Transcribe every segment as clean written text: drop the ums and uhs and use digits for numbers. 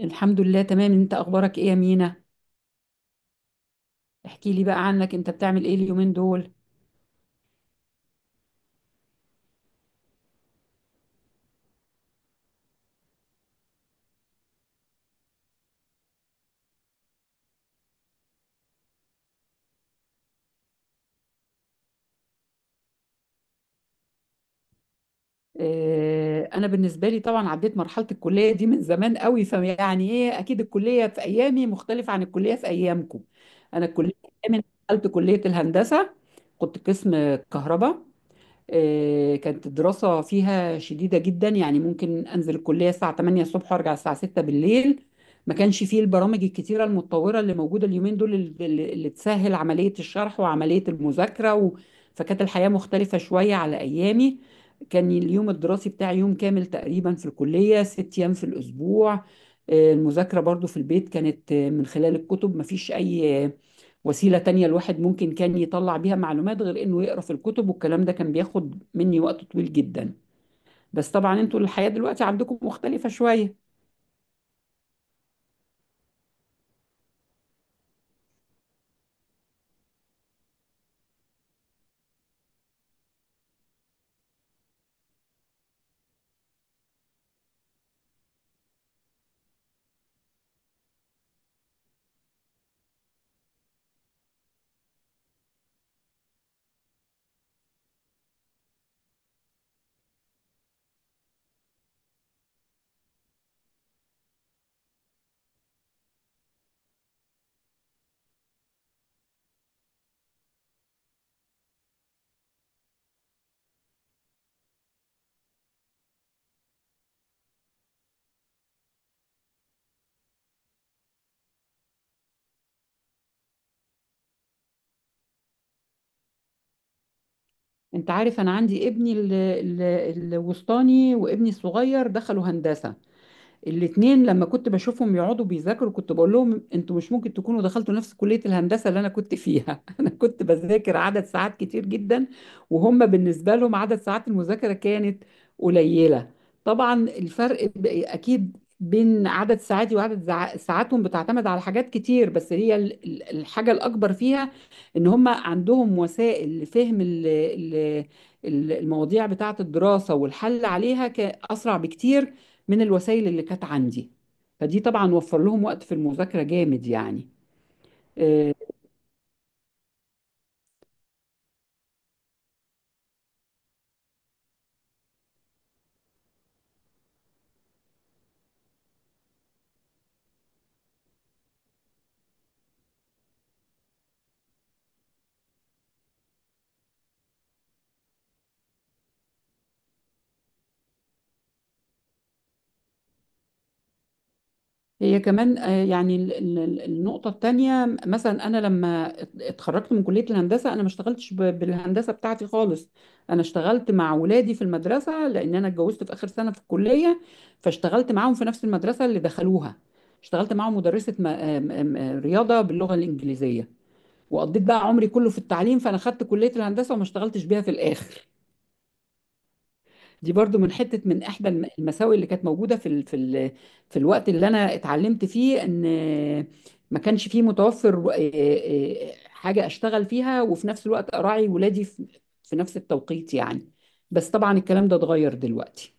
الحمد لله تمام، انت اخبارك ايه يا مينا؟ احكي لي بقى عنك، انت بتعمل ايه اليومين دول؟ اه انا بالنسبه لي طبعا عديت مرحله الكليه دي من زمان قوي، فيعني ايه، اكيد الكليه في ايامي مختلفه عن الكليه في ايامكم. انا الكليه من دخلت كليه الهندسه كنت قسم كهرباء. كانت الدراسة فيها شديدة جدا، يعني ممكن أنزل الكلية الساعة 8 الصبح وأرجع الساعة 6 بالليل. ما كانش فيه البرامج الكتيرة المتطورة اللي موجودة اليومين دول، اللي تسهل عملية الشرح وعملية المذاكرة. فكانت الحياة مختلفة شوية على أيامي. كان اليوم الدراسي بتاعي يوم كامل تقريبا في الكلية، ست أيام في الأسبوع. المذاكرة برضو في البيت كانت من خلال الكتب، مفيش أي وسيلة تانية الواحد ممكن كان يطلع بيها معلومات غير انه يقرا في الكتب، والكلام ده كان بياخد مني وقت طويل جدا. بس طبعا انتوا الحياة دلوقتي عندكم مختلفة شوية. انت عارف انا عندي ابني الوسطاني وابني الصغير دخلوا هندسة الاتنين، لما كنت بشوفهم يقعدوا بيذاكروا كنت بقول لهم انتوا مش ممكن تكونوا دخلتوا نفس كلية الهندسة اللي انا كنت فيها. انا كنت بذاكر عدد ساعات كتير جدا، وهم بالنسبة لهم عدد ساعات المذاكرة كانت قليلة. طبعا الفرق اكيد بين عدد ساعاتي وعدد ساعاتهم بتعتمد على حاجات كتير، بس هي الحاجة الأكبر فيها إن هم عندهم وسائل لفهم المواضيع بتاعة الدراسة والحل عليها أسرع بكتير من الوسائل اللي كانت عندي. فدي طبعا وفر لهم وقت في المذاكرة جامد يعني. آه، هي كمان يعني النقطة التانية، مثلا أنا لما اتخرجت من كلية الهندسة أنا ما اشتغلتش بالهندسة بتاعتي خالص. أنا اشتغلت مع ولادي في المدرسة، لأن أنا اتجوزت في آخر سنة في الكلية، فاشتغلت معاهم في نفس المدرسة اللي دخلوها. اشتغلت معاهم مدرسة رياضة باللغة الإنجليزية، وقضيت بقى عمري كله في التعليم. فأنا خدت كلية الهندسة وما اشتغلتش بيها في الآخر. دي برضو من حتة، من إحدى المساوئ اللي كانت موجودة في ال في ال في الوقت اللي أنا اتعلمت فيه، إن ما كانش فيه متوفر حاجة أشتغل فيها وفي نفس الوقت أراعي ولادي في في نفس التوقيت يعني. بس طبعا الكلام ده اتغير دلوقتي.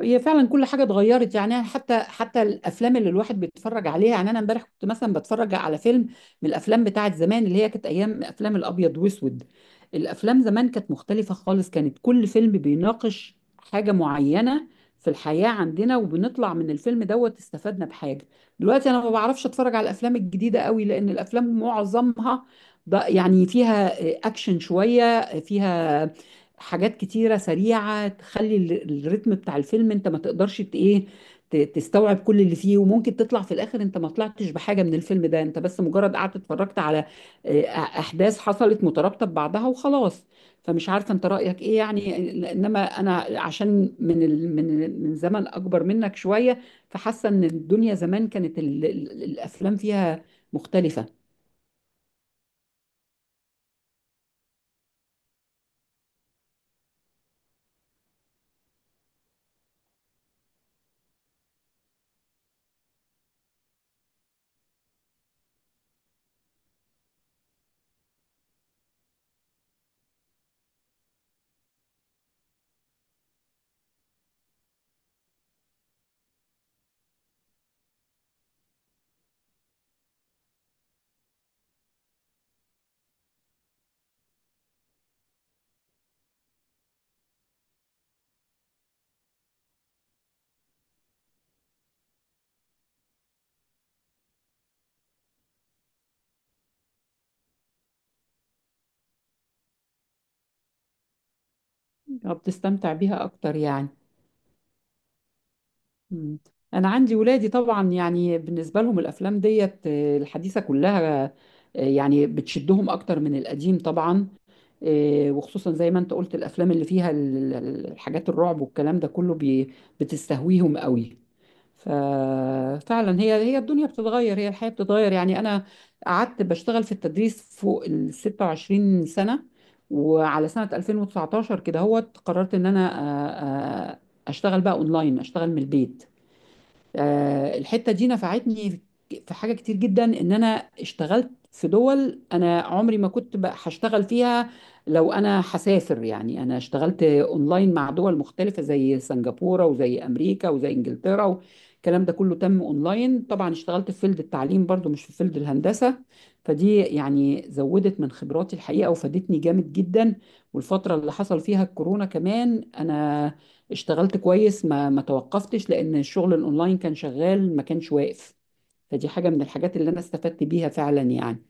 هي فعلا كل حاجه اتغيرت، يعني أنا حتى الافلام اللي الواحد بيتفرج عليها، يعني انا امبارح كنت مثلا بتفرج على فيلم من الافلام بتاعه زمان، اللي هي كانت ايام افلام الابيض واسود. الافلام زمان كانت مختلفه خالص، كانت كل فيلم بيناقش حاجه معينه في الحياه عندنا، وبنطلع من الفيلم دوت استفدنا بحاجه. دلوقتي انا ما بعرفش اتفرج على الافلام الجديده قوي، لان الافلام معظمها ده يعني فيها اكشن، شويه فيها حاجات كتيرة سريعة تخلي ال- الريتم بتاع الفيلم انت ما تقدرش تستوعب كل اللي فيه، وممكن تطلع في الاخر انت ما طلعتش بحاجة من الفيلم ده، انت بس مجرد قعدت اتفرجت على آه، احداث حصلت مترابطة ببعضها وخلاص. فمش عارفة انت رأيك ايه يعني، انما انا عشان من زمن اكبر منك شوية، فحاسة ان الدنيا زمان كانت الافلام فيها مختلفة. بتستمتع بيها اكتر يعني. مم. انا عندي ولادي طبعا، يعني بالنسبه لهم الافلام ديت الحديثه كلها، يعني بتشدهم اكتر من القديم طبعا. وخصوصا زي ما انت قلت الافلام اللي فيها الحاجات الرعب والكلام ده كله بتستهويهم قوي. ففعلا هي الدنيا بتتغير، هي الحياه بتتغير. يعني انا قعدت بشتغل في التدريس فوق ال 26 سنه، وعلى سنه 2019 كده هو قررت ان انا آه، آه، اشتغل بقى اونلاين، اشتغل من البيت. الحتة دي نفعتني في حاجة كتير جدا، ان انا اشتغلت في دول انا عمري ما كنت بقى هشتغل فيها لو انا هسافر. يعني انا اشتغلت اونلاين مع دول مختلفة زي سنغافورة وزي امريكا وزي انجلترا، الكلام ده كله تم اونلاين. طبعا اشتغلت في فيلد التعليم برضو، مش في فيلد الهندسة. فدي يعني زودت من خبراتي الحقيقة وفادتني جامد جدا. والفترة اللي حصل فيها الكورونا كمان انا اشتغلت كويس، ما توقفتش لان الشغل الاونلاين كان شغال، ما كانش واقف. فدي حاجة من الحاجات اللي انا استفدت بيها فعلا يعني.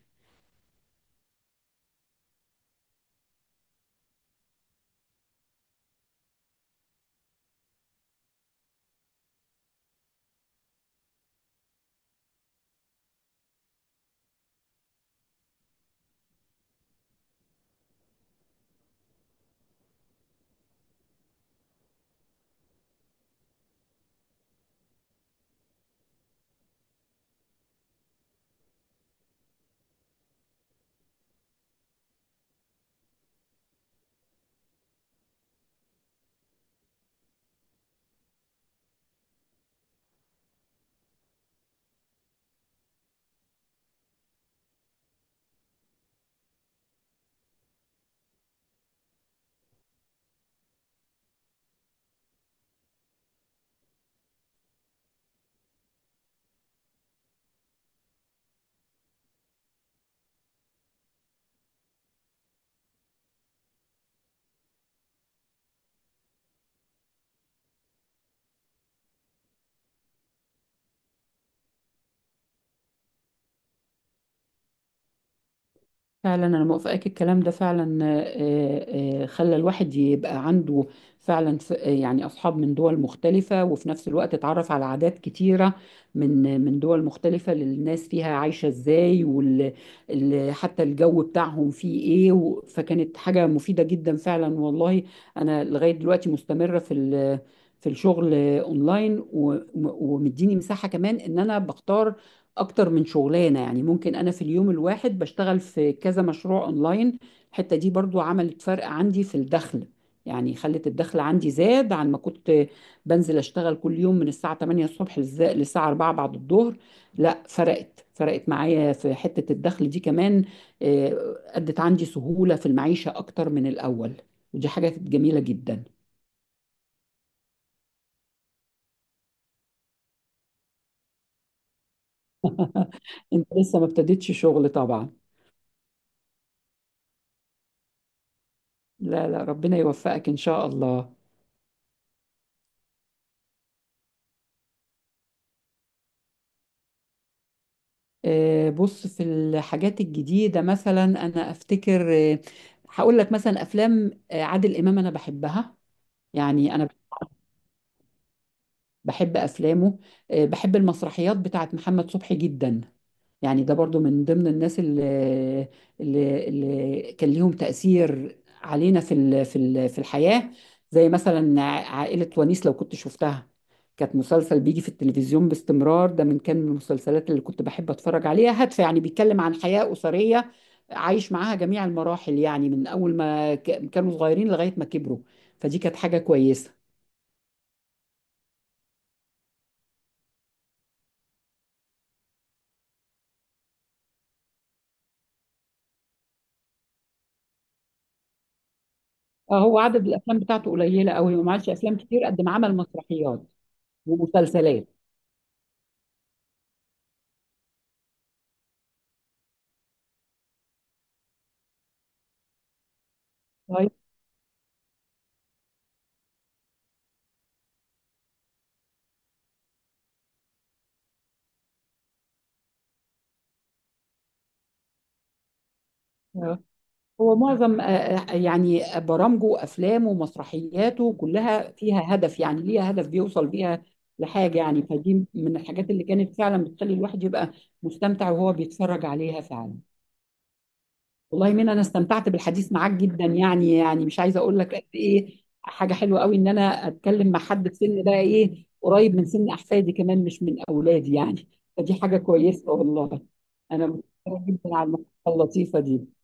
فعلا انا موافقاك الكلام ده فعلا، خلى الواحد يبقى عنده فعلا يعني اصحاب من دول مختلفه، وفي نفس الوقت اتعرف على عادات كتيره من دول مختلفه، للناس فيها عايشه ازاي حتى الجو بتاعهم فيه ايه فكانت حاجه مفيده جدا فعلا والله. انا لغايه دلوقتي مستمره في في الشغل اونلاين، ومديني مساحه كمان ان انا بختار اكتر من شغلانه، يعني ممكن انا في اليوم الواحد بشتغل في كذا مشروع اونلاين. الحته دي برضو عملت فرق عندي في الدخل، يعني خلت الدخل عندي زاد عن ما كنت بنزل اشتغل كل يوم من الساعه 8 الصبح للساعه 4 بعد الظهر. لا، فرقت معايا في حته الدخل دي كمان. ادت عندي سهوله في المعيشه اكتر من الاول، ودي حاجه كانت جميله جدا. انت لسه ما ابتديتش شغل طبعا. لا لا، ربنا يوفقك ان شاء الله. بص في الحاجات الجديدة مثلا أنا أفتكر، هقول لك مثلا أفلام عادل إمام أنا بحبها، يعني أنا بحب أفلامه. بحب المسرحيات بتاعت محمد صبحي جدا، يعني ده برضو من ضمن الناس اللي كان ليهم تأثير علينا في في الحياة. زي مثلا عائلة ونيس لو كنت شفتها، كانت مسلسل بيجي في التلفزيون باستمرار، ده من كان المسلسلات اللي كنت بحب اتفرج عليها، هادفة يعني، بيتكلم عن حياة أسرية، عايش معاها جميع المراحل يعني، من أول ما كانوا صغيرين لغاية ما كبروا. فدي كانت حاجة كويسة. هو عدد الافلام بتاعته قليله قوي وما عملش افلام كتير قد ما عمل مسرحيات ومسلسلات. طيب. آه، هو معظم يعني برامجه وافلامه ومسرحياته كلها فيها هدف، يعني ليها هدف بيوصل بيها لحاجه يعني. فدي من الحاجات اللي كانت فعلا بتخلي الواحد يبقى مستمتع وهو بيتفرج عليها فعلا. والله مين، انا استمتعت بالحديث معاك جدا، يعني مش عايزه اقول لك قد ايه حاجه حلوه قوي ان انا اتكلم مع حد في سن بقى ايه قريب من سن احفادي كمان، مش من اولادي يعني. فدي حاجه كويسه والله. انا متشكره جدا على المحادثه اللطيفه دي.